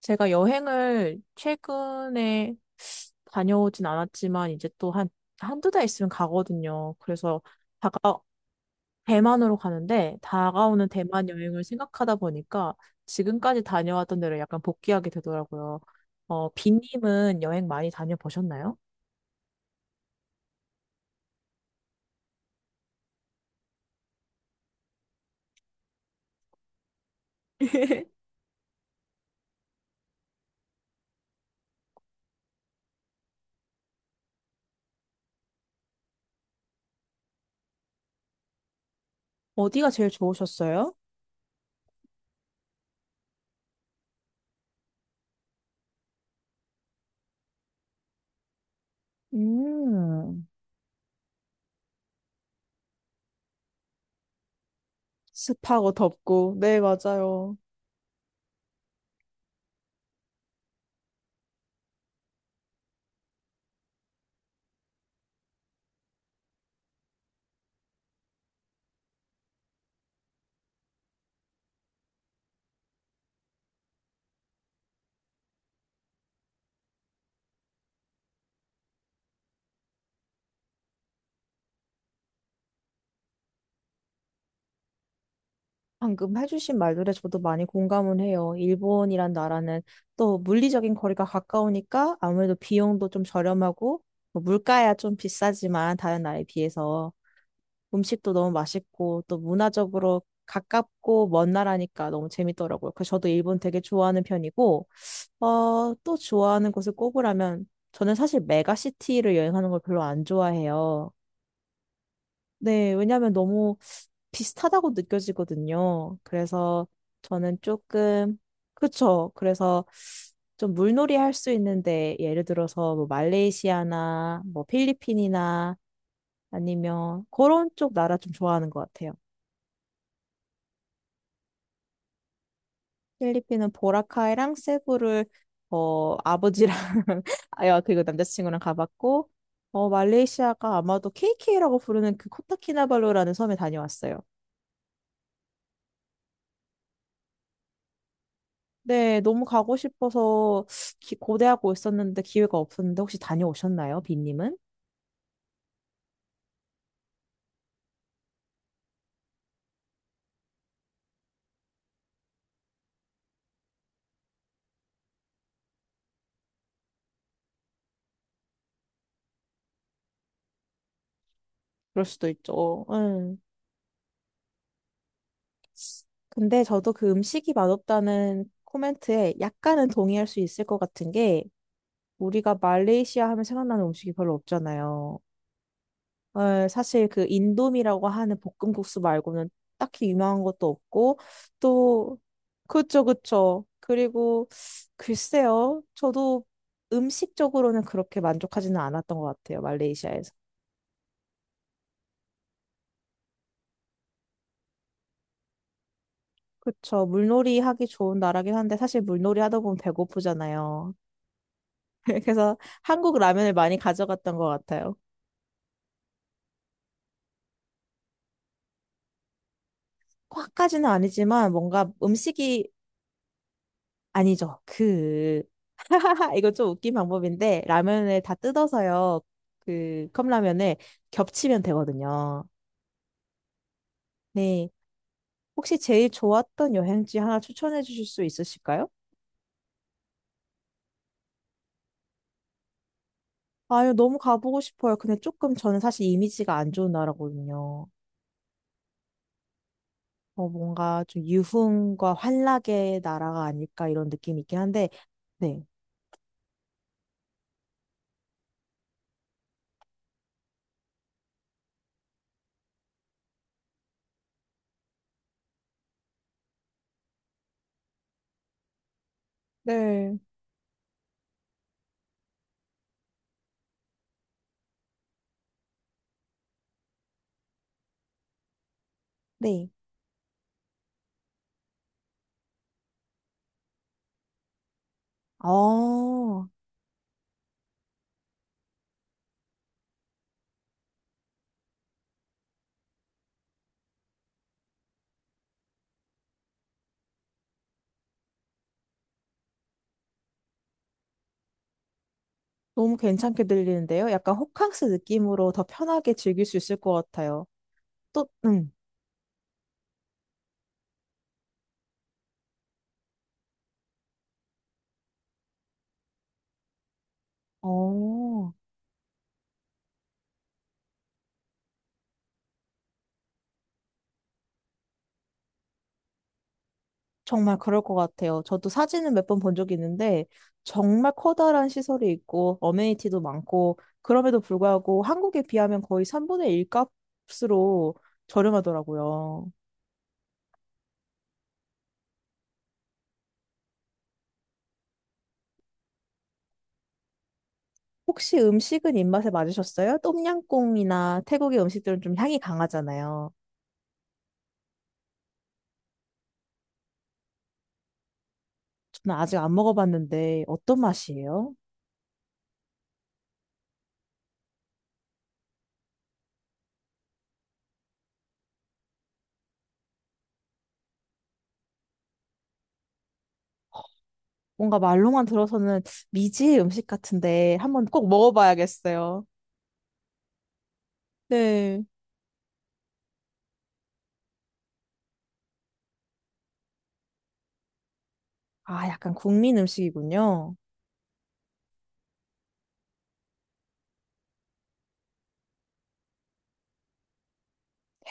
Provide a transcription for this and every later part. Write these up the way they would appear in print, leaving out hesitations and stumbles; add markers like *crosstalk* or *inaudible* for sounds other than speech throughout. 제가 여행을 최근에 다녀오진 않았지만 이제 또 한두 달 있으면 가거든요. 그래서 다가, 대만으로 가는데 다가오는 대만 여행을 생각하다 보니까 지금까지 다녀왔던 데를 약간 복귀하게 되더라고요. 비님은 여행 많이 다녀보셨나요? *laughs* 어디가 제일 좋으셨어요? 음, 습하고 덥고, 네, 맞아요. 방금 해주신 말들에 저도 많이 공감은 해요. 일본이란 나라는 또 물리적인 거리가 가까우니까 아무래도 비용도 좀 저렴하고, 뭐 물가야 좀 비싸지만 다른 나라에 비해서 음식도 너무 맛있고 또 문화적으로 가깝고 먼 나라니까 너무 재밌더라고요. 그래서 저도 일본 되게 좋아하는 편이고, 또 좋아하는 곳을 꼽으라면 저는 사실 메가시티를 여행하는 걸 별로 안 좋아해요. 네, 왜냐하면 너무 비슷하다고 느껴지거든요. 그래서 저는 조금, 그쵸. 그래서 좀 물놀이 할 수 있는데, 예를 들어서 뭐 말레이시아나 뭐 필리핀이나 아니면 그런 쪽 나라 좀 좋아하는 것 같아요. 필리핀은 보라카이랑 세부를 아버지랑, *laughs* 아야, 그리고 남자친구랑 가봤고, 말레이시아가 아마도 KK라고 부르는 그 코타키나발루라는 섬에 다녀왔어요. 네, 너무 가고 싶어서 고대하고 있었는데 기회가 없었는데, 혹시 다녀오셨나요, 빈님은? 그럴 수도 있죠. 응. 근데 저도 그 음식이 맛없다는 코멘트에 약간은 동의할 수 있을 것 같은 게, 우리가 말레이시아 하면 생각나는 음식이 별로 없잖아요. 사실 그 인도미라고 하는 볶음국수 말고는 딱히 유명한 것도 없고, 또 그쵸 그쵸. 그리고 글쎄요, 저도 음식적으로는 그렇게 만족하지는 않았던 것 같아요, 말레이시아에서. 그쵸. 물놀이 하기 좋은 나라긴 한데 사실 물놀이 하다 보면 배고프잖아요. *laughs* 그래서 한국 라면을 많이 가져갔던 것 같아요. 꽉까지는 아니지만 뭔가 음식이 아니죠. 그 *laughs* 이거 좀 웃긴 방법인데, 라면을 다 뜯어서요. 그 컵라면을 겹치면 되거든요. 네. 혹시 제일 좋았던 여행지 하나 추천해 주실 수 있으실까요? 아유, 너무 가보고 싶어요. 근데 조금 저는 사실 이미지가 안 좋은 나라거든요. 뭔가 좀 유흥과 환락의 나라가 아닐까 이런 느낌이 있긴 한데, 네. 네. 네. 어, 너무 괜찮게 들리는데요. 약간 호캉스 느낌으로 더 편하게 즐길 수 있을 것 같아요. 또, 어, 정말 그럴 것 같아요. 저도 사진은 몇 번 본 적이 있는데, 정말 커다란 시설이 있고, 어메니티도 많고, 그럼에도 불구하고 한국에 비하면 거의 3분의 1 값으로 저렴하더라고요. 혹시 음식은 입맛에 맞으셨어요? 똠양꿍이나 태국의 음식들은 좀 향이 강하잖아요. 저는 아직 안 먹어봤는데, 어떤 맛이에요? 뭔가 말로만 들어서는 미지의 음식 같은데, 한번 꼭 먹어봐야겠어요. 네. 아, 약간 국민 음식이군요.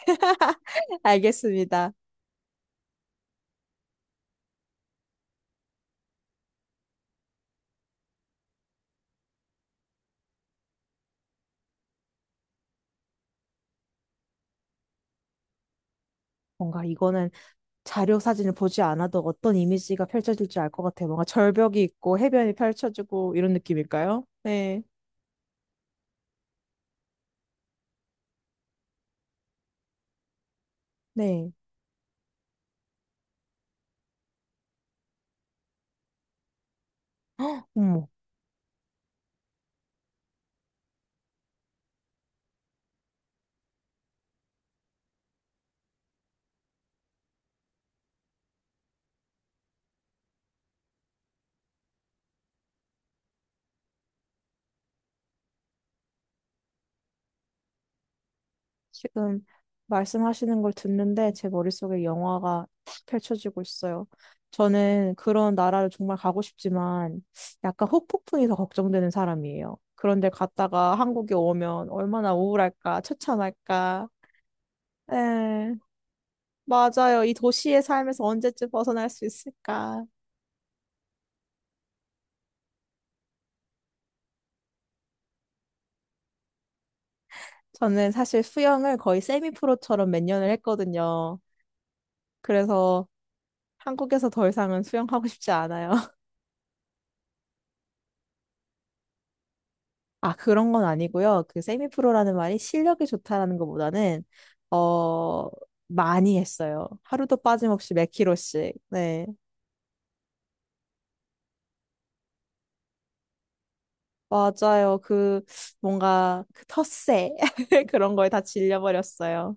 *laughs* 알겠습니다. 뭔가 이거는 자료 사진을 보지 않아도 어떤 이미지가 펼쳐질지 알 것 같아요. 뭔가 절벽이 있고 해변이 펼쳐지고 이런 느낌일까요? 네, 네. *gasps* 헉, 어머, 지금 말씀하시는 걸 듣는데 제 머릿속에 영화가 탁 펼쳐지고 있어요. 저는 그런 나라를 정말 가고 싶지만 약간 혹폭풍이 더 걱정되는 사람이에요. 그런데 갔다가 한국에 오면 얼마나 우울할까, 처참할까. 에. 맞아요. 이 도시의 삶에서 언제쯤 벗어날 수 있을까? 저는 사실 수영을 거의 세미프로처럼 몇 년을 했거든요. 그래서 한국에서 더 이상은 수영하고 싶지 않아요. *laughs* 아, 그런 건 아니고요. 그 세미프로라는 말이 실력이 좋다라는 것보다는, 어, 많이 했어요. 하루도 빠짐없이 몇 킬로씩. 네. 맞아요. 그, 뭔가, 그 텃세. *laughs* 그런 거에 다 질려버렸어요.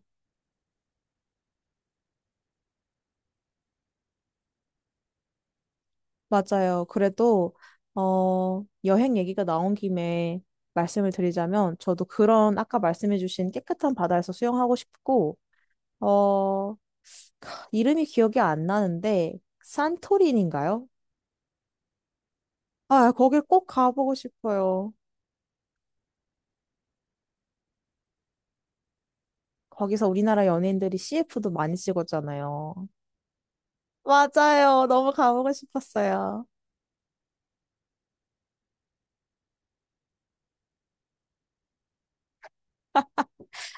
맞아요. 그래도, 여행 얘기가 나온 김에 말씀을 드리자면, 저도 그런 아까 말씀해주신 깨끗한 바다에서 수영하고 싶고, 어, 이름이 기억이 안 나는데, 산토리니인가요? 아, 거길 꼭 가보고 싶어요. 거기서 우리나라 연예인들이 CF도 많이 찍었잖아요. 맞아요. 너무 가보고 싶었어요.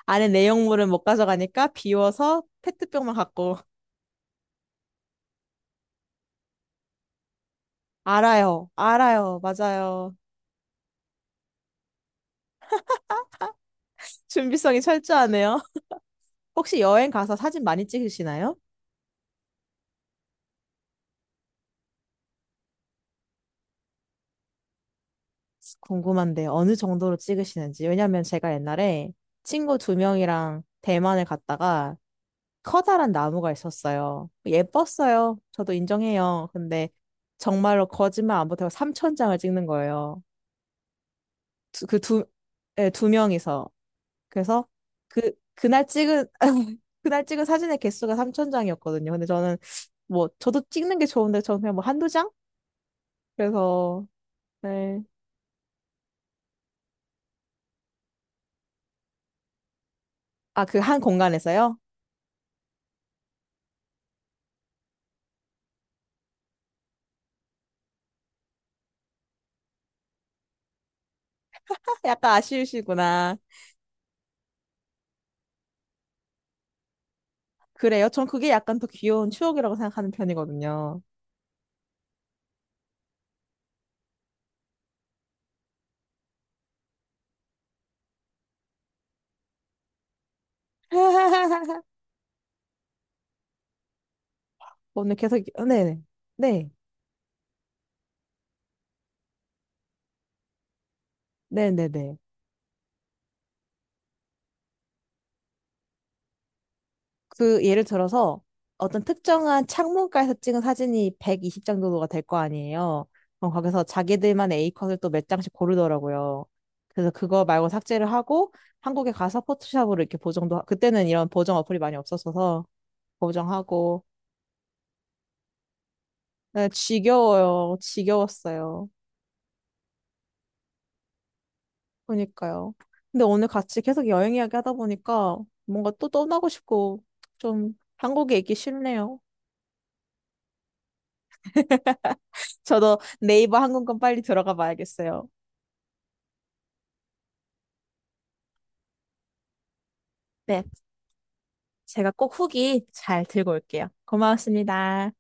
안에 내용물은 못 가져가니까 비워서 페트병만 갖고. *laughs* 알아요. 알아요. 맞아요. 준비성이 철저하네요. *laughs* 혹시 여행 가서 사진 많이 찍으시나요? 궁금한데 어느 정도로 찍으시는지. 왜냐면 제가 옛날에 친구 두 명이랑 대만을 갔다가 커다란 나무가 있었어요. 예뻤어요. 저도 인정해요. 근데 정말로 거짓말 안 보태고 3천 장을 찍는 거예요. 두- 그 두, 예, 두 명이서. 그래서 그날 찍은, *laughs* 그날 찍은 사진의 개수가 3천 장이었거든요. 근데 저는, 뭐 저도 찍는 게 좋은데 저는 그냥 뭐 한두 장? 그래서 네. 아, 그 한 공간에서요? 아, 약간 아쉬우시구나. 그래요? 전 그게 약간 더 귀여운 추억이라고 생각하는 편이거든요. *laughs* 오늘 계속, 네네. 네. 네네네. 그, 예를 들어서 어떤 특정한 창문가에서 찍은 사진이 120 정도가 될 거 아니에요. 그럼 거기서 자기들만의 A컷을 또 몇 장씩 고르더라고요. 그래서 그거 말고 삭제를 하고 한국에 가서 포토샵으로 이렇게 보정도, 그때는 이런 보정 어플이 많이 없었어서 보정하고. 네, 지겨워요. 지겨웠어요. 그러니까요. 근데 오늘 같이 계속 여행 이야기 하다 보니까 뭔가 또 떠나고 싶고 좀 한국에 있기 싫네요. 저도 네이버 항공권 빨리 들어가 봐야겠어요. 네, 제가 꼭 후기 잘 들고 올게요. 고마웠습니다.